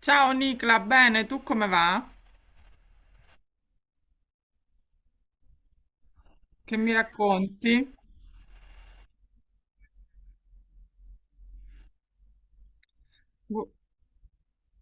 Ciao Nicla, bene, tu come va? Che mi racconti? Gu-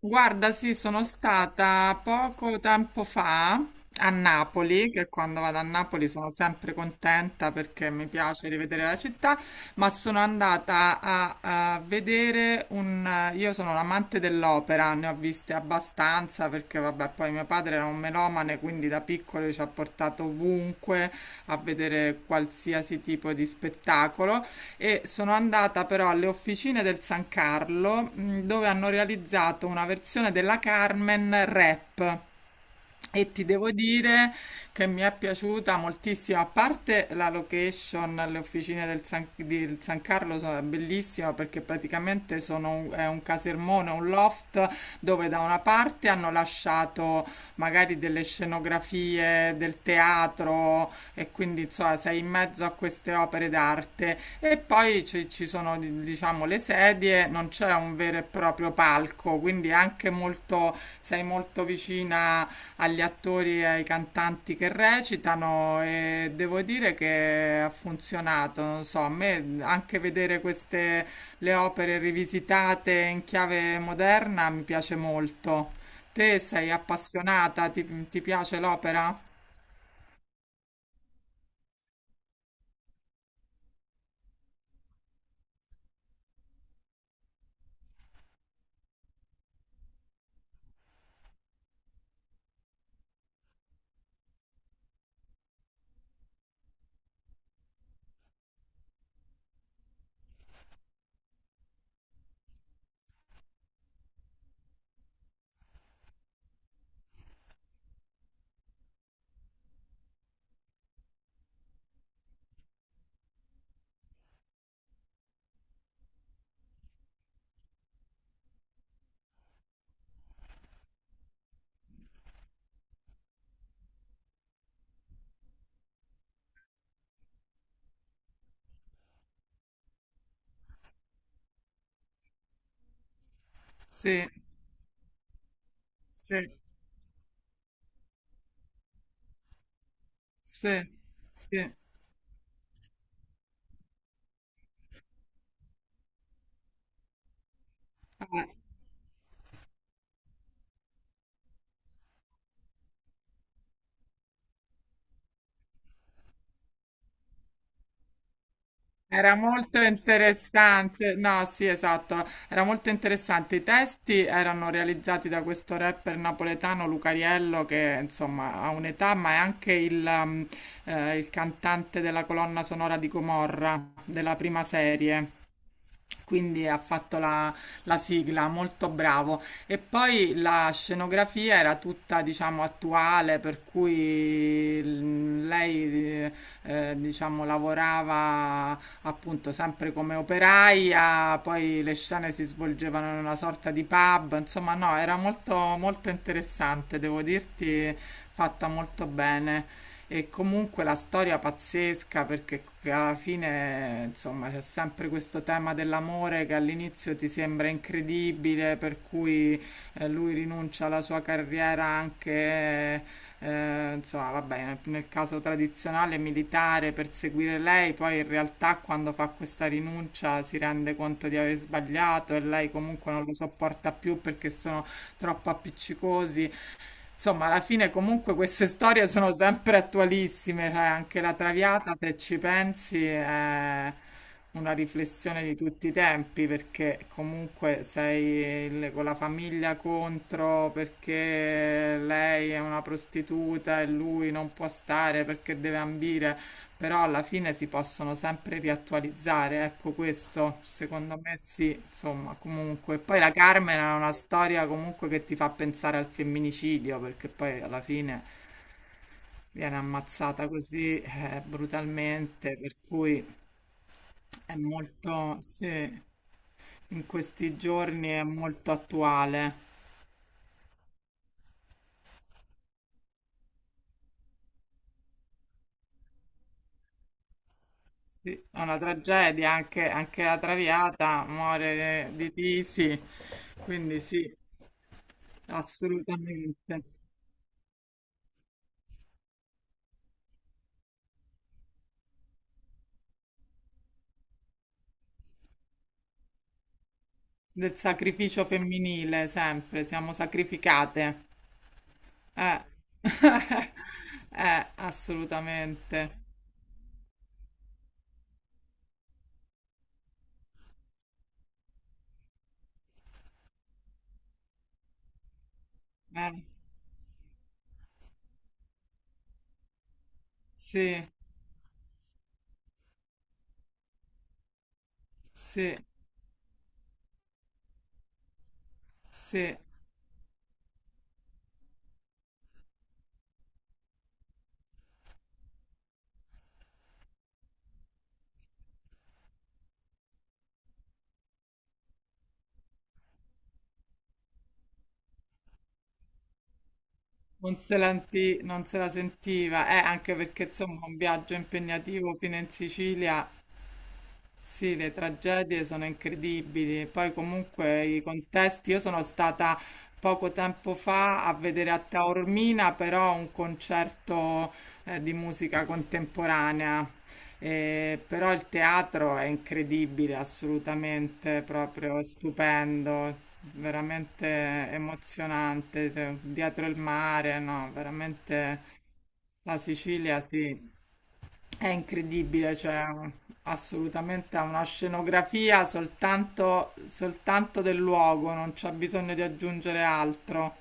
Guarda, sì, sono stata poco tempo fa a Napoli, che quando vado a Napoli sono sempre contenta perché mi piace rivedere la città, ma sono andata a vedere un... Io sono un amante dell'opera, ne ho viste abbastanza perché vabbè, poi mio padre era un melomane, quindi da piccolo ci ha portato ovunque a vedere qualsiasi tipo di spettacolo. E sono andata però alle officine del San Carlo dove hanno realizzato una versione della Carmen rap e ti devo dire che mi è piaciuta moltissimo, a parte la location, le officine del San Carlo sono bellissime perché praticamente è un casermone, un loft dove da una parte hanno lasciato magari delle scenografie del teatro, e quindi insomma, sei in mezzo a queste opere d'arte e poi ci sono diciamo le sedie, non c'è un vero e proprio palco, quindi è anche sei molto vicina agli attori e ai cantanti che recitano e devo dire che ha funzionato, non so, a me anche vedere queste le opere rivisitate in chiave moderna mi piace molto. Te sei appassionata? Ti piace l'opera? Sì, sì. Sì, sì. Ah, era molto interessante, no, sì, esatto, era molto interessante. I testi erano realizzati da questo rapper napoletano Lucariello, che insomma ha un'età, ma è anche il cantante della colonna sonora di Gomorra, della prima serie. Quindi ha fatto la sigla, molto bravo. E poi la scenografia era tutta, diciamo, attuale, per cui lei, diciamo, lavorava appunto sempre come operaia, poi le scene si svolgevano in una sorta di pub, insomma, no, era molto interessante, devo dirti, fatta molto bene. E comunque la storia pazzesca perché alla fine, insomma, c'è sempre questo tema dell'amore che all'inizio ti sembra incredibile, per cui lui rinuncia alla sua carriera anche, insomma, vabbè, nel caso tradizionale militare per seguire lei, poi in realtà quando fa questa rinuncia si rende conto di aver sbagliato e lei comunque non lo sopporta più perché sono troppo appiccicosi. Insomma, alla fine comunque queste storie sono sempre attualissime, cioè anche la Traviata, se ci pensi, è una riflessione di tutti i tempi, perché comunque sei con la famiglia contro, perché lei è una prostituta e lui non può stare perché deve ambire. Però alla fine si possono sempre riattualizzare, ecco questo, secondo me sì, insomma, comunque. Poi la Carmen è una storia comunque che ti fa pensare al femminicidio, perché poi alla fine viene ammazzata così brutalmente, per cui è molto, sì, in questi giorni è molto attuale. Sì, è una tragedia, anche, anche la Traviata muore di tisi, quindi sì, assolutamente. Del sacrificio femminile, sempre, siamo sacrificate. Eh, assolutamente. Eh, sì, sì, sì. Non se la, non se la sentiva, anche perché insomma un viaggio impegnativo fino in Sicilia. Sì, le tragedie sono incredibili. E poi comunque i contesti, io sono stata poco tempo fa a vedere a Taormina però un concerto di musica contemporanea. E però il teatro è incredibile, assolutamente, proprio stupendo, veramente emozionante, dietro il mare, no, veramente la Sicilia, sì. È incredibile, cioè assolutamente ha una scenografia soltanto, soltanto del luogo, non c'è bisogno di aggiungere altro.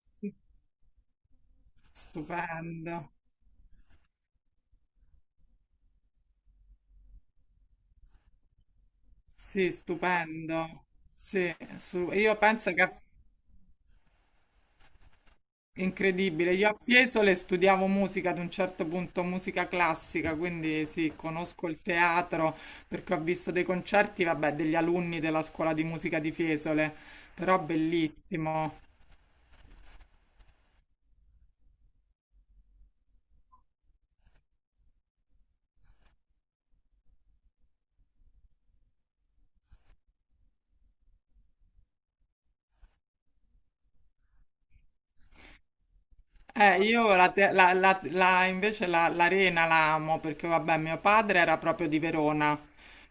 Sì. Stupendo, sì, stupendo. Sì, io penso che è incredibile. Io a Fiesole studiavo musica ad un certo punto, musica classica, quindi sì, conosco il teatro perché ho visto dei concerti, vabbè, degli alunni della scuola di musica di Fiesole, però bellissimo. Io la, te- la- la- la- invece la- l'arena la amo perché vabbè, mio padre era proprio di Verona,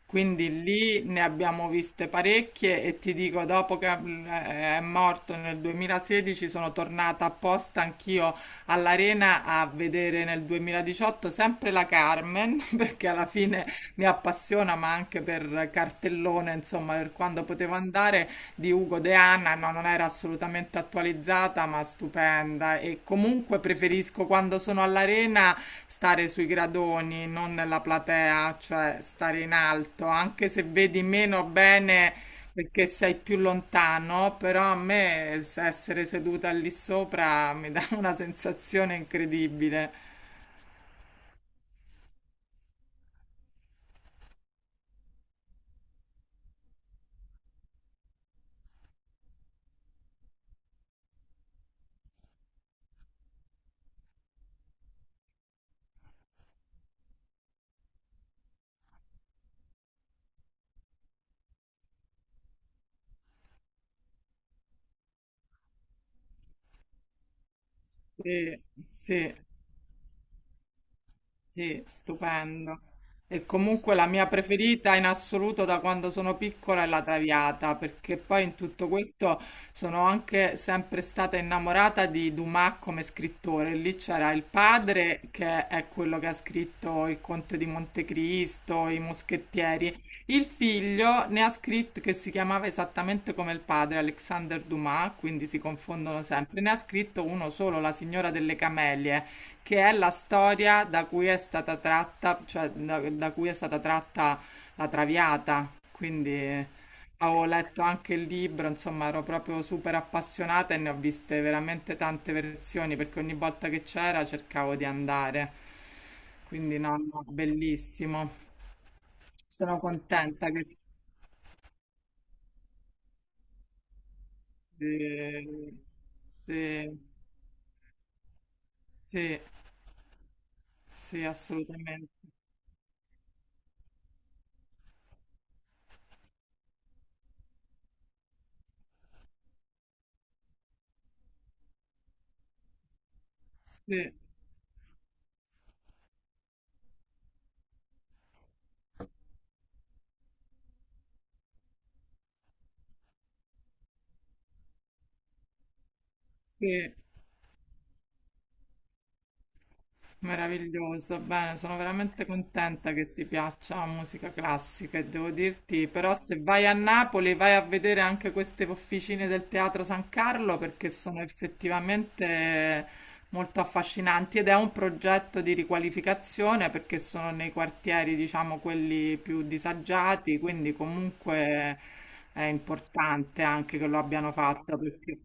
quindi lì ne abbiamo viste parecchie e ti dico, dopo che è morto nel 2016 sono tornata apposta anch'io all'arena a vedere nel 2018 sempre la Carmen, perché alla fine mi appassiona, ma anche per cartellone, insomma, per quando potevo andare di Ugo De Anna, no, non era assolutamente attualizzata, ma stupenda. E comunque preferisco quando sono all'arena stare sui gradoni, non nella platea, cioè stare in alto, anche se vedi meno bene perché sei più lontano, però a me essere seduta lì sopra mi dà una sensazione incredibile. Sì, sì. Sì, stupendo. E comunque la mia preferita in assoluto da quando sono piccola è la Traviata, perché poi in tutto questo sono anche sempre stata innamorata di Dumas come scrittore. Lì c'era il padre, che è quello che ha scritto Il Conte di Montecristo, I Moschettieri. Il figlio ne ha scritto che si chiamava esattamente come il padre, Alexander Dumas, quindi si confondono sempre. Ne ha scritto uno solo, La signora delle camelie che è la storia da cui è stata tratta, cioè da cui è stata tratta la Traviata. Quindi avevo letto anche il libro, insomma, ero proprio super appassionata e ne ho viste veramente tante versioni perché ogni volta che c'era cercavo di andare. Quindi no, no, bellissimo. Sono contenta che eh, sì, sì, sì, assolutamente. Sì, sì. Meraviglioso, bene, sono veramente contenta che ti piaccia la musica classica e devo dirti, però se vai a Napoli vai a vedere anche queste officine del Teatro San Carlo perché sono effettivamente molto affascinanti ed è un progetto di riqualificazione perché sono nei quartieri, diciamo, quelli più disagiati, quindi comunque è importante anche che lo abbiano fatto perché...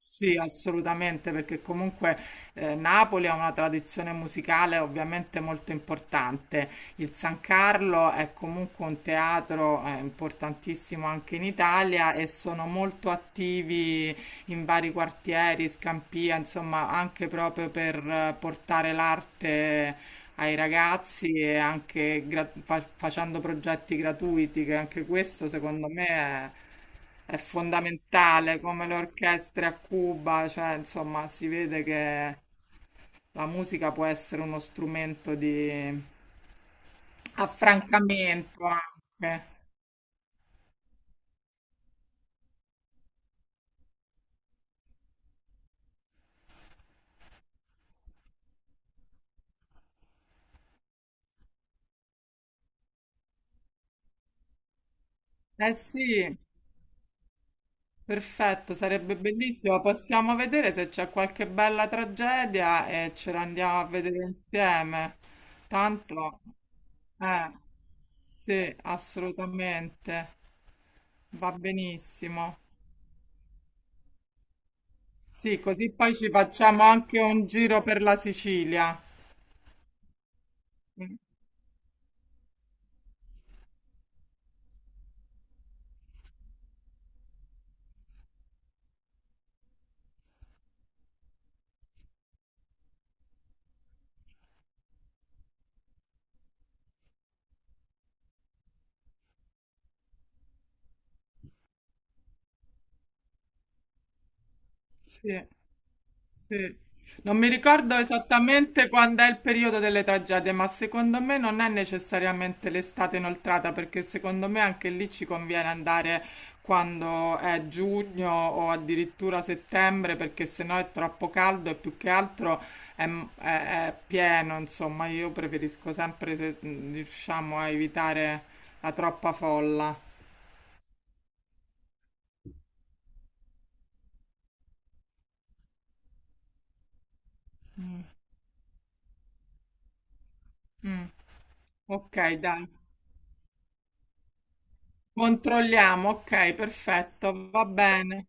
Sì, assolutamente, perché comunque Napoli ha una tradizione musicale ovviamente molto importante. Il San Carlo è comunque un teatro importantissimo anche in Italia e sono molto attivi in vari quartieri, Scampia, insomma, anche proprio per portare l'arte ai ragazzi e anche facendo progetti gratuiti, che anche questo secondo me è fondamentale, come le orchestre a Cuba, cioè, insomma, si vede che la musica può essere uno strumento di affrancamento anche. Eh sì. Perfetto, sarebbe bellissimo. Possiamo vedere se c'è qualche bella tragedia e ce la andiamo a vedere insieme. Tanto, eh, sì, assolutamente, va benissimo. Sì, così poi ci facciamo anche un giro per la Sicilia. Mm. Sì. Sì. Non mi ricordo esattamente quando è il periodo delle tragedie, ma secondo me non è necessariamente l'estate inoltrata, perché secondo me anche lì ci conviene andare quando è giugno o addirittura settembre, perché sennò è troppo caldo e più che altro è, è pieno, insomma, io preferisco sempre se riusciamo a evitare la troppa folla. Mm. Ok, dai. Controlliamo, ok, perfetto, va bene.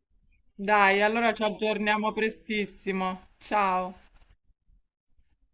Dai, allora ci aggiorniamo prestissimo. Ciao.